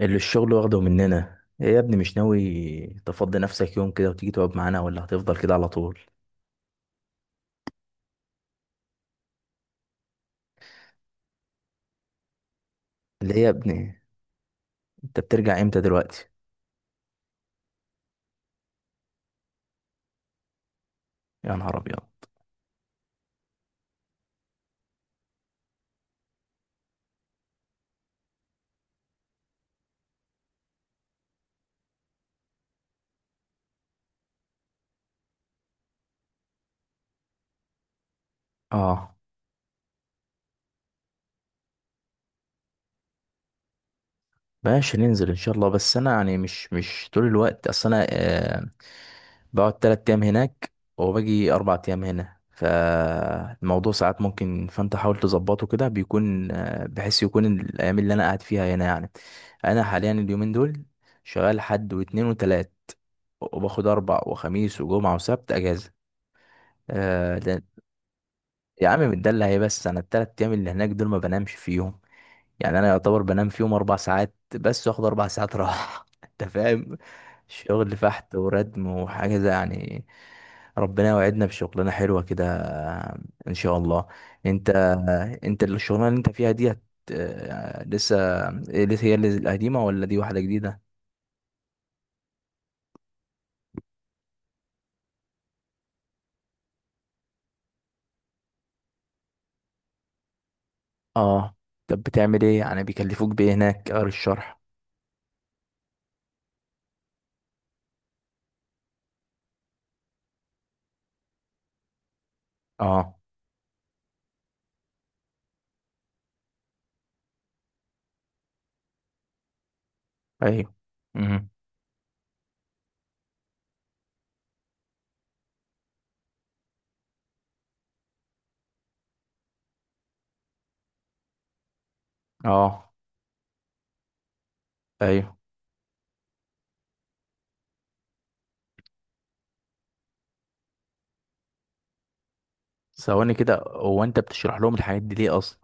اللي الشغل واخده مننا ايه يا ابني؟ مش ناوي تفضي نفسك يوم كده وتيجي تقعد معانا ولا هتفضل كده على طول؟ اللي هي يا ابني، انت بترجع امتى دلوقتي؟ يا نهار ابيض. اه، ماشي، ننزل ان شاء الله، بس انا يعني مش طول الوقت، اصل انا بقعد تلات ايام هناك وباجي اربع ايام هنا، فالموضوع ساعات ممكن، فانت حاول تظبطه كده بيكون بحيث يكون الايام اللي انا قاعد فيها هنا يعني. انا حاليا اليومين دول شغال حد واتنين وتلات، وباخد اربع وخميس وجمعة وسبت اجازة. آه ده. يا عم متدلع ايه؟ بس انا التلات ايام اللي هناك دول ما بنامش فيهم، يعني انا يعتبر بنام فيهم اربع ساعات بس، واخد اربع ساعات راحة. انت فاهم، شغل فحت وردم وحاجة زي يعني. ربنا يوعدنا بشغلانة حلوة كده ان شاء الله. انت، انت الشغلانة اللي انت فيها ديت لسه إيه؟ لسه هي اللي القديمة ولا دي واحدة جديدة؟ اه. طب بتعمل ايه يعني؟ بيكلفوك بايه هناك؟ قاري الشرح؟ اه. ايوه. امم. اه. ايوه. ثواني كده، هو انت بتشرح لهم الحاجات دي ليه اصلا؟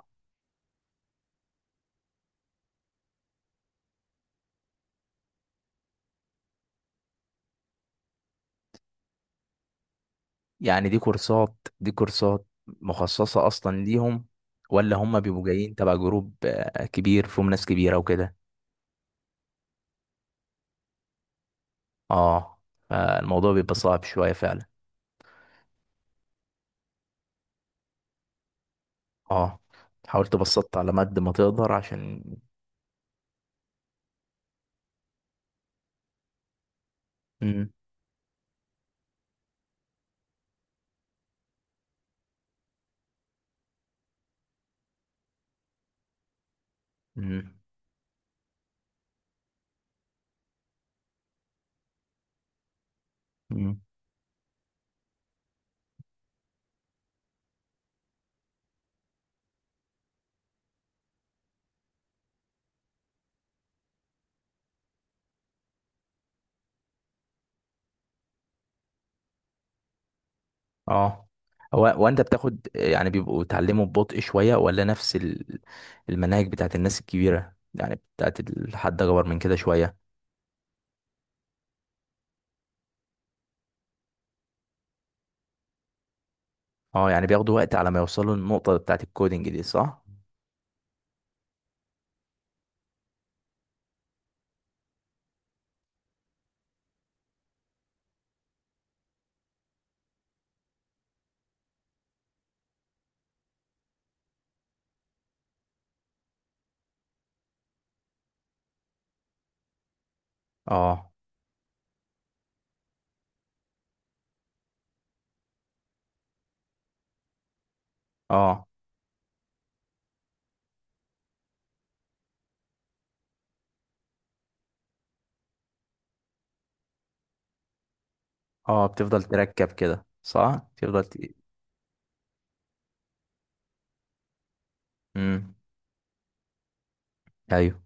يعني دي كورسات، دي كورسات مخصصة اصلا ليهم، ولا هم بيبقوا جايين تبع جروب كبير فيهم ناس كبيرة وكده؟ اه. فالموضوع بيبقى صعب شوية فعلا. اه، حاولت بسطت على قد ما تقدر عشان. امم. امم. اه، هو وانت بتاخد يعني بيبقوا اتعلموا ببطء شوية، ولا نفس المناهج بتاعت الناس الكبيرة يعني، بتاعت الحد اكبر من كده شوية؟ اه يعني بياخدوا وقت على ما يوصلوا النقطة بتاعت الكودينج دي، صح؟ اه. اه. اه، بتفضل تركب كده، صح؟ امم. ايوه.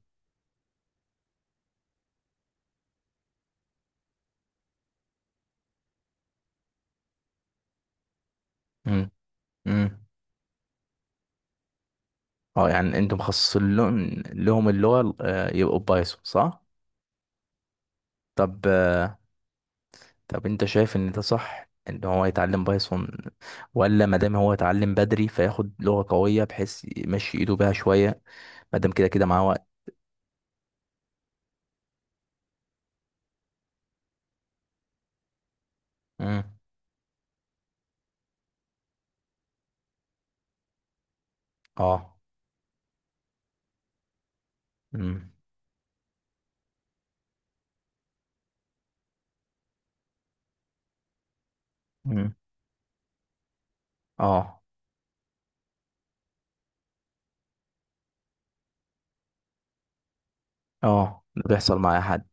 امم. امم. اه يعني انتم مخصصين لهم اللغة، يبقوا بايثون، صح؟ طب، طب انت شايف ان ده صح ان هو يتعلم بايثون، ولا ما دام هو يتعلم بدري فياخد لغة قوية بحيث يمشي ايده بيها شوية، ما دام كده كده معاه وقت؟ امم. اه. امم. امم. اه. اه، ده بيحصل مع اي حد.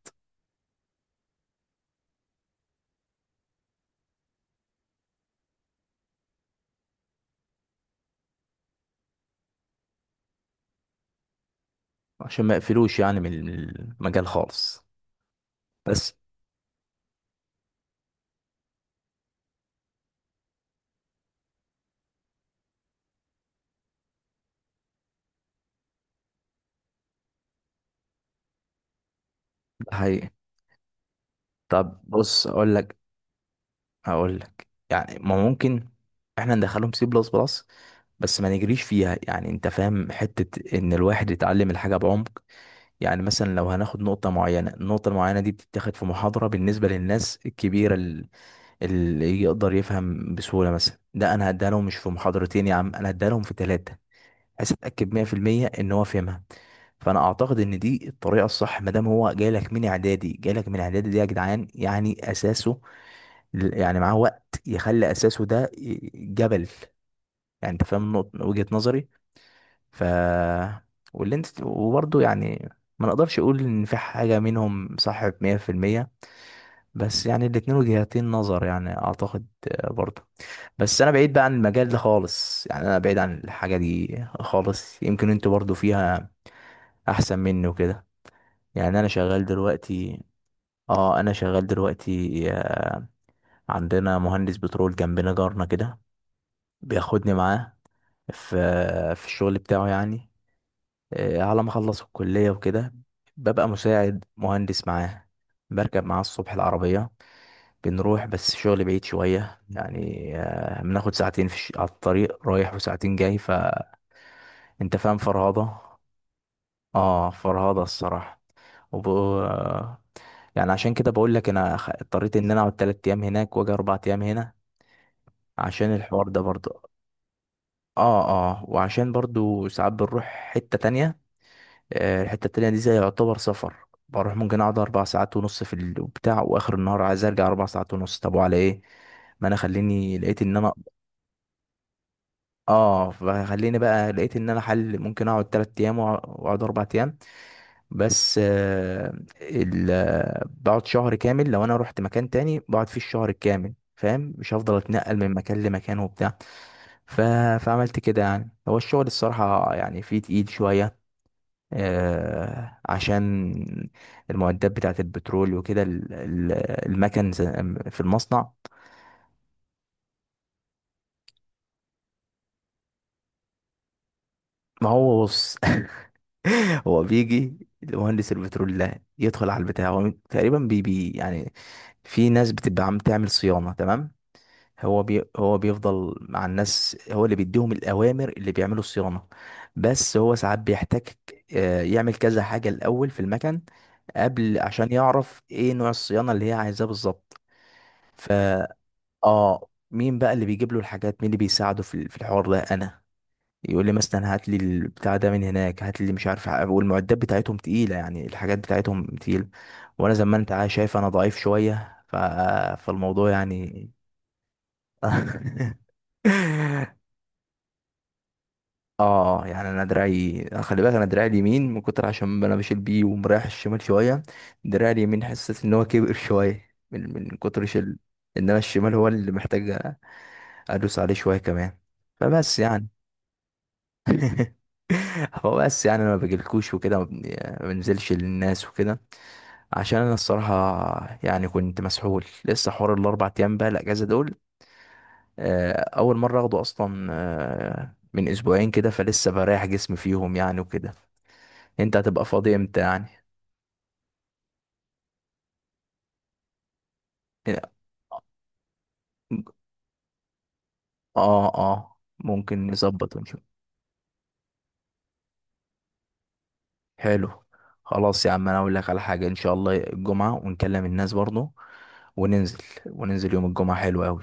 عشان ما يقفلوش يعني من المجال خالص. بس ده حقيقي. طب بص اقول لك، هقول لك يعني، ما ممكن احنا ندخلهم سي بلس بلس، بس ما نجريش فيها، يعني انت فاهم حتة ان الواحد يتعلم الحاجة بعمق. يعني مثلا لو هناخد نقطة معينة، النقطة المعينة دي بتتاخد في محاضرة بالنسبة للناس الكبيرة اللي يقدر يفهم بسهولة. مثلا ده انا هديها لهم مش في محاضرتين يا عم، انا هديها لهم في ثلاثة بحيث اتأكد 100% ان هو فهمها. فانا اعتقد ان دي الطريقة الصح، ما دام هو جاي لك من اعدادي، جاي لك من اعدادي دي يا جدعان، يعني اساسه، يعني معاه وقت يخلي اساسه ده جبل، يعني انت فاهم نقطة وجهة نظري. ف، واللي انت وبرضه يعني ما نقدرش اقول ان في حاجة منهم صح 100%، بس يعني الاتنين وجهتين نظر، يعني اعتقد برضه. بس انا بعيد بقى عن المجال ده خالص، يعني انا بعيد عن الحاجة دي خالص، يمكن انتوا برضه فيها احسن مني وكده. يعني انا شغال دلوقتي. اه، انا شغال دلوقتي. عندنا مهندس بترول جنبنا، جارنا كده، بياخدني معاه في، في الشغل بتاعه، يعني على ما اخلص الكلية وكده ببقى مساعد مهندس معاه. بركب معاه الصبح العربية، بنروح، بس الشغل بعيد شوية يعني، بناخد ساعتين على الطريق رايح وساعتين جاي، ف انت فاهم، فرهضة. اه، فرهضة الصراحة. وب... يعني عشان كده بقول لك انا اضطريت ان انا اقعد تلات ايام هناك واجي اربع ايام هنا، عشان الحوار ده برضه. اه. اه، وعشان برضه ساعات بنروح حتة تانية، الحتة التانية دي زي يعتبر سفر، بروح ممكن اقعد اربع ساعات ونص في البتاع، واخر النهار عايز ارجع اربع ساعات ونص، طب وعلى ايه؟ ما انا خليني لقيت ان انا، اه، فخليني بقى لقيت ان انا حل ممكن اقعد تلات ايام واقعد اربع ايام. بس ال... آه، بقعد شهر كامل، لو انا رحت مكان تاني بقعد فيه الشهر الكامل، فاهم، مش هفضل اتنقل من مكان لمكان وبتاع. ف... فعملت كده يعني. هو الشغل الصراحة يعني فيه تقيل شوية، عشان المعدات بتاعة البترول وكده، المكن في المصنع. ما هو بص. هو بيجي مهندس البترول ده يدخل على البتاع، هو تقريبا بي بي يعني. في ناس بتبقى عم تعمل صيانة، تمام. هو بيفضل مع الناس، هو اللي بيديهم الأوامر اللي بيعملوا الصيانة. بس هو ساعات بيحتاج يعمل كذا حاجة الأول في المكن قبل، عشان يعرف ايه نوع الصيانة اللي هي عايزاه بالظبط. ف، اه، مين بقى اللي بيجيب له الحاجات، مين اللي بيساعده في الحوار ده؟ انا. يقول لي مثلا هات لي البتاع ده من هناك، هات لي مش عارف والمعدات بتاعتهم تقيله، يعني الحاجات بتاعتهم تقيله، وانا زي ما انت شايف انا ضعيف شويه ف... فالموضوع يعني. اه، يعني انا دراعي، خلي بالك، انا دراعي اليمين من كتر، عشان انا بشيل بيه ومريح الشمال شويه، دراعي اليمين حسيت ان هو كبر شويه من كتر شيل، انما الشمال هو اللي محتاج ادوس عليه شويه كمان، فبس يعني. هو بس يعني انا ما بجيلكوش وكده، ما بنزلش للناس وكده، عشان انا الصراحه يعني كنت مسحول. لسه حوار الاربع ايام بقى الاجازه دول آه، اول مره اخده اصلا، من اسبوعين كده، فلسه بريح جسمي فيهم يعني وكده. انت هتبقى فاضي امتى يعني؟ اه. اه، ممكن نظبط ونشوف. حلو، خلاص يا عم، انا اقول لك على حاجه، ان شاء الله الجمعه، ونكلم الناس برضو وننزل، وننزل يوم الجمعه حلو قوي.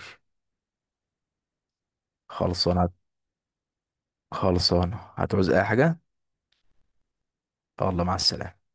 خلصانه. خلصانه، هتعوز اي حاجه؟ الله، مع السلامه.